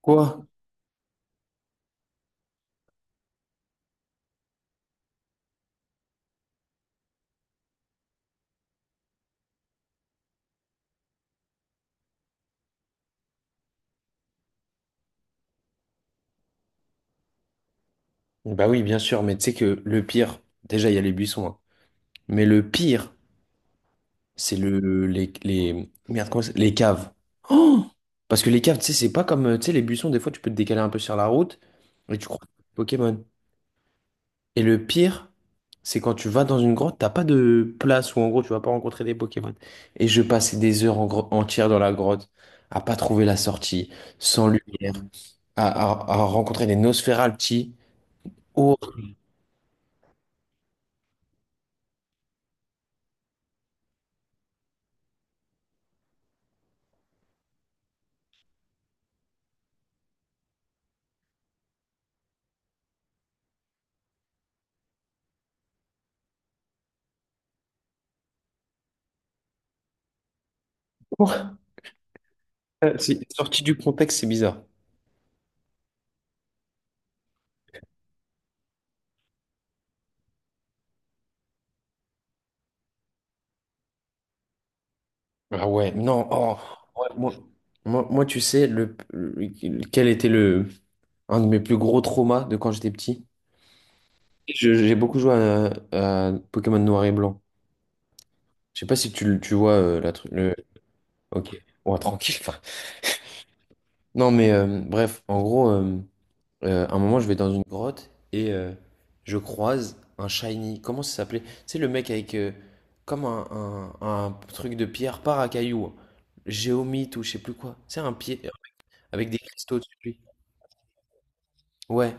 Quoi? Bah oui, bien sûr, mais tu sais que le pire, déjà il y a les buissons, hein. Mais le pire, c'est les merde, les caves. Oh! Parce que les caves, tu sais, c'est pas comme tu sais les buissons, des fois tu peux te décaler un peu sur la route et tu crois Pokémon. Et le pire, c'est quand tu vas dans une grotte, t'as pas de place où en gros tu vas pas rencontrer des Pokémon. Et je passais des heures entières dans la grotte à pas trouver la sortie, sans lumière, à rencontrer des Nosferalti. Oh. C'est sorti du contexte, c'est bizarre. Ah ouais, non, oh, ouais, moi, tu sais, quel était le, un de mes plus gros traumas de quand j'étais petit? J'ai beaucoup joué à Pokémon Noir et Blanc. Je sais pas si tu vois. Ok, ouais, tranquille. Enfin. Non, mais bref, en gros, à un moment, je vais dans une grotte et je croise un shiny. Comment ça s'appelait? C'est le mec avec comme un truc de pierre, par à cailloux. Géomite ou je sais plus quoi. C'est un pied avec des cristaux dessus. Lui. Ouais.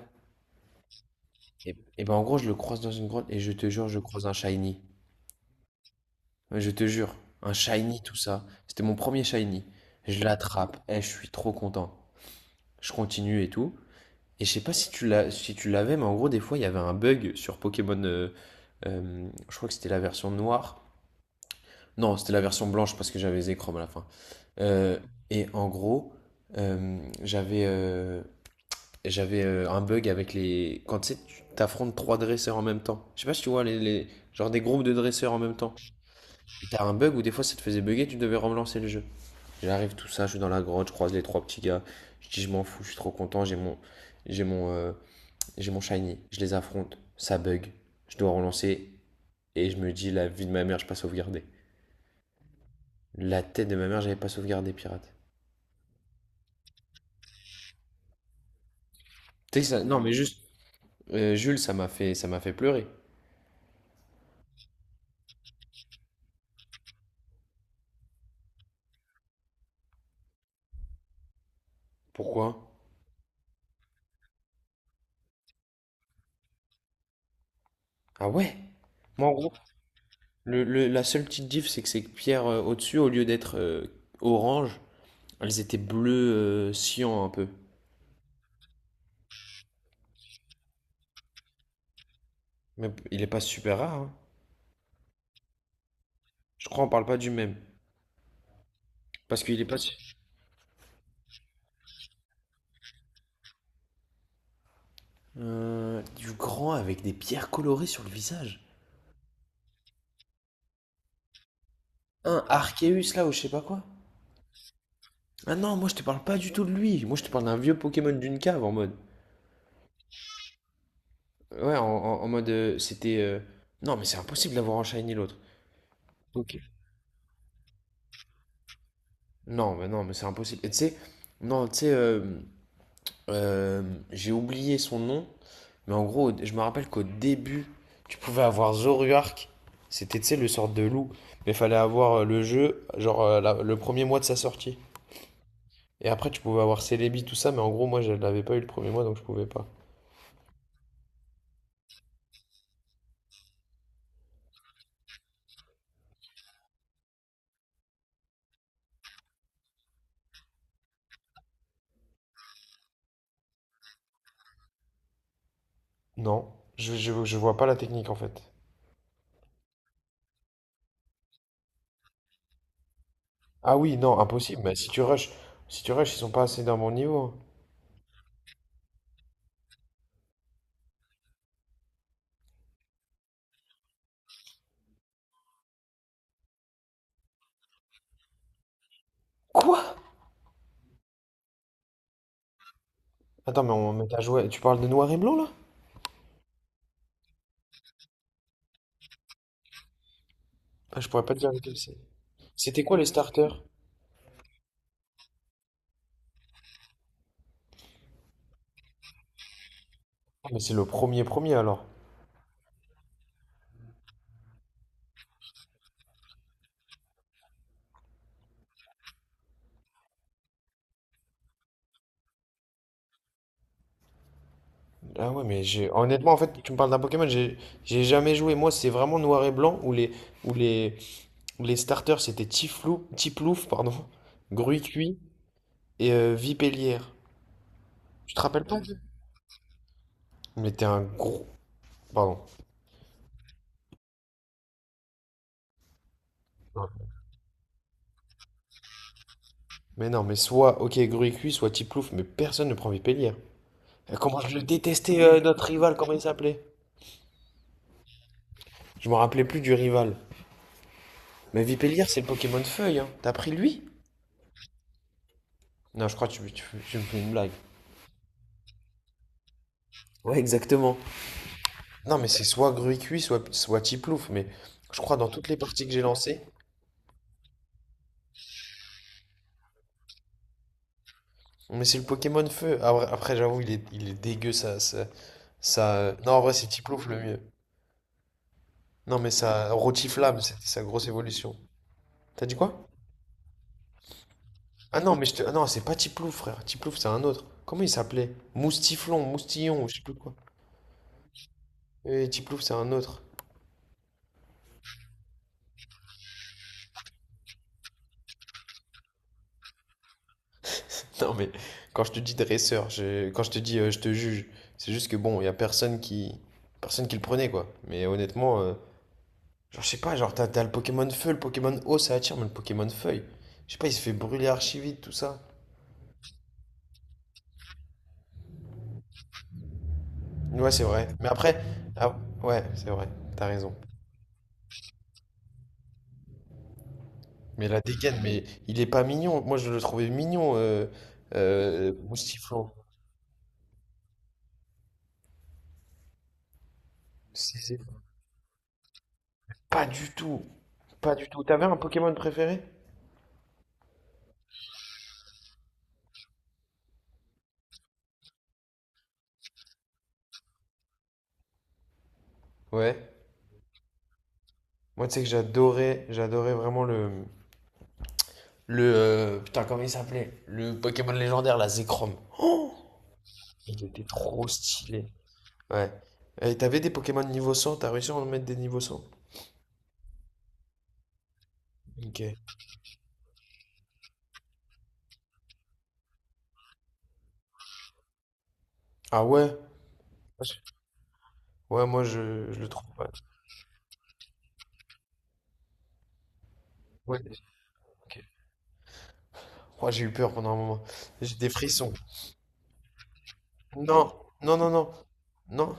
Et ben en gros, je le croise dans une grotte et je te jure, je croise un shiny. Je te jure, un shiny, tout ça. C'était mon premier shiny. Je l'attrape, et je suis trop content. Je continue et tout. Et je sais pas si tu l'as, si tu l'avais, mais en gros, des fois, il y avait un bug sur Pokémon. Je crois que c'était la version noire. Non, c'était la version blanche parce que j'avais Zekrom à la fin. Euh, et en gros, euh, j'avais euh, j'avais un bug avec les. Quand tu sais, tu t'affrontes trois dresseurs en même temps. Je sais pas si tu vois, genre des groupes de dresseurs en même temps. Et t'as un bug où des fois ça te faisait bugger, tu devais relancer le jeu. J'arrive, tout ça, je suis dans la grotte, je croise les trois petits gars. Je dis, je m'en fous, je suis trop content. J'ai mon. euh, j'ai mon shiny, je les affronte, ça bug, je dois relancer et je me dis la vie de ma mère, je pas sauvegardé. La tête de ma mère, j'avais pas sauvegardé pirate. Tu sais que non mais juste Jules, ça m'a fait pleurer. Pourquoi? Ah ouais. Moi en gros, la seule petite diff c'est que ces pierres au-dessus au lieu d'être orange, elles étaient bleues cyan un peu. Mais il est pas super rare hein. Je crois on parle pas du même parce qu'il est pas su- Du grand avec des pierres colorées sur le visage. Un Arceus là ou je sais pas quoi. Ah non, moi je te parle pas du tout de lui. Moi je te parle d'un vieux Pokémon d'une cave en mode. Ouais, en mode c'était. Non, mais c'est impossible d'avoir en shiny l'autre. Non, mais non, mais c'est impossible. Et tu sais, non, tu sais, euh, j'ai oublié son nom, mais en gros, je me rappelle qu'au début, tu pouvais avoir Zoruark. C'était, tu sais, le sort de loup. Mais fallait avoir le jeu, genre le premier mois de sa sortie. Et après, tu pouvais avoir Celebi, tout ça, mais en gros, moi je l'avais pas eu le premier mois donc je pouvais pas. Non, je vois pas la technique en fait. Ah oui, non, impossible. Mais si tu rushes, ils sont pas assez d'un bon niveau. Quoi? Attends, mais on met à jouer. Tu parles de Noir et Blanc là? Ah, je pourrais pas te dire lequel c'est. C'était quoi les starters? Ah, mais c'est le premier premier alors. Ah ouais, mais j'ai honnêtement en fait, tu me parles d'un Pokémon, j'ai jamais joué. Moi, c'est vraiment Noir et Blanc où les où les starters c'était Tiflou, Tiplouf, pardon, Gruicui et Vipélière. Tu te rappelles pas? Mais t'es un gros. Pardon. Mais non, mais soit OK Gruy cuit, soit Tiplouf, mais personne ne prend Vipélier. Comment je le détestais, notre rival, comment il s'appelait? Je me rappelais plus du rival. Mais Vipélier, c'est le Pokémon Feuille, hein. T'as pris lui? Non, je crois que tu me fais une blague. Ouais, exactement. Non, mais c'est soit Gruy cuit, soit Tiplouf, mais je crois dans toutes les parties que j'ai lancées. Mais c'est le Pokémon Feu. Ah, ouais, après, j'avoue, il est dégueu, non, en vrai, c'est Tiplouf le mieux. Non, mais ça. Rotiflamme, c'était sa grosse évolution. T'as dit quoi? Ah non, ah non, c'est pas Tiplouf, frère. Tiplouf, c'est un autre. Comment il s'appelait? Moustiflon, Moustillon, je sais plus quoi. Tiplouf, c'est un autre. Non, mais quand je te dis dresseur, quand je te dis je te juge, c'est juste que bon, il y a personne qui le prenait, quoi. Mais honnêtement, genre, je sais pas, genre, t'as le Pokémon Feu, le Pokémon Eau, ça attire, mais le Pokémon Feuille, je sais pas, il se fait brûler archi vite, tout ça. Ouais, c'est vrai. Mais après, ah, ouais, c'est vrai, t'as raison. Mais la dégaine, mais il est pas mignon. Moi, je le trouvais mignon, Moustiflon. C'est- Pas du tout, pas du tout. T'avais un Pokémon préféré? Ouais. Moi, tu sais que j'adorais vraiment le... Putain, comment il s'appelait? Le Pokémon légendaire, la Zekrom. Il était trop stylé. Ouais. Et t'avais des Pokémon niveau 100? T'as réussi à en mettre des niveaux 100? Ok. Ah ouais? Ouais, moi, je le trouve pas. Ouais, ok. Oh, j'ai eu peur pendant un moment. J'ai des frissons. Non, non, non, non. Non.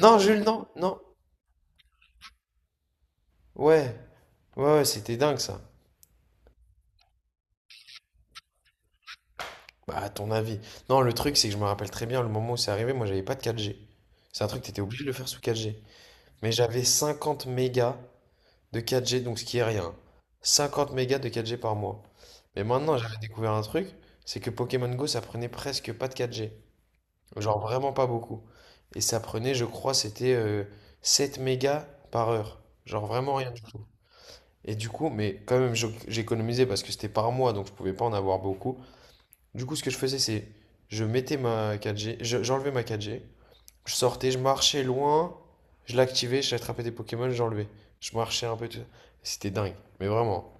Non, Jules, non, non. Ouais. Ouais, ouais, c'était dingue, ça. Bah, à ton avis. Non, le truc, c'est que je me rappelle très bien le moment où c'est arrivé, moi, j'avais pas de 4G. C'est un truc t'étais obligé de le faire sous 4G. Mais j'avais 50 mégas de 4G, donc ce qui est rien. 50 mégas de 4G par mois. Mais maintenant, j'avais découvert un truc, c'est que Pokémon Go, ça prenait presque pas de 4G. Genre vraiment pas beaucoup. Et ça prenait, je crois, c'était 7 mégas par heure. Genre vraiment rien du tout. Et du coup, mais quand même, j'économisais parce que c'était par mois, donc je pouvais pas en avoir beaucoup. Du coup, ce que je faisais, c'est je mettais ma 4G, j'enlevais ma 4G, je sortais, je marchais loin, je l'activais, j'attrapais des Pokémon, j'enlevais. Je marchais un peu, tout ça. C'était dingue, mais vraiment,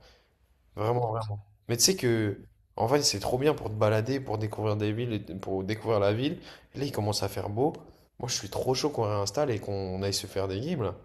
vraiment, vraiment. Mais tu sais que, en vrai, c'est trop bien pour te balader, pour découvrir des villes, et pour découvrir la ville. Et là, il commence à faire beau. Moi, je suis trop chaud qu'on réinstalle et qu'on aille se faire des games, là.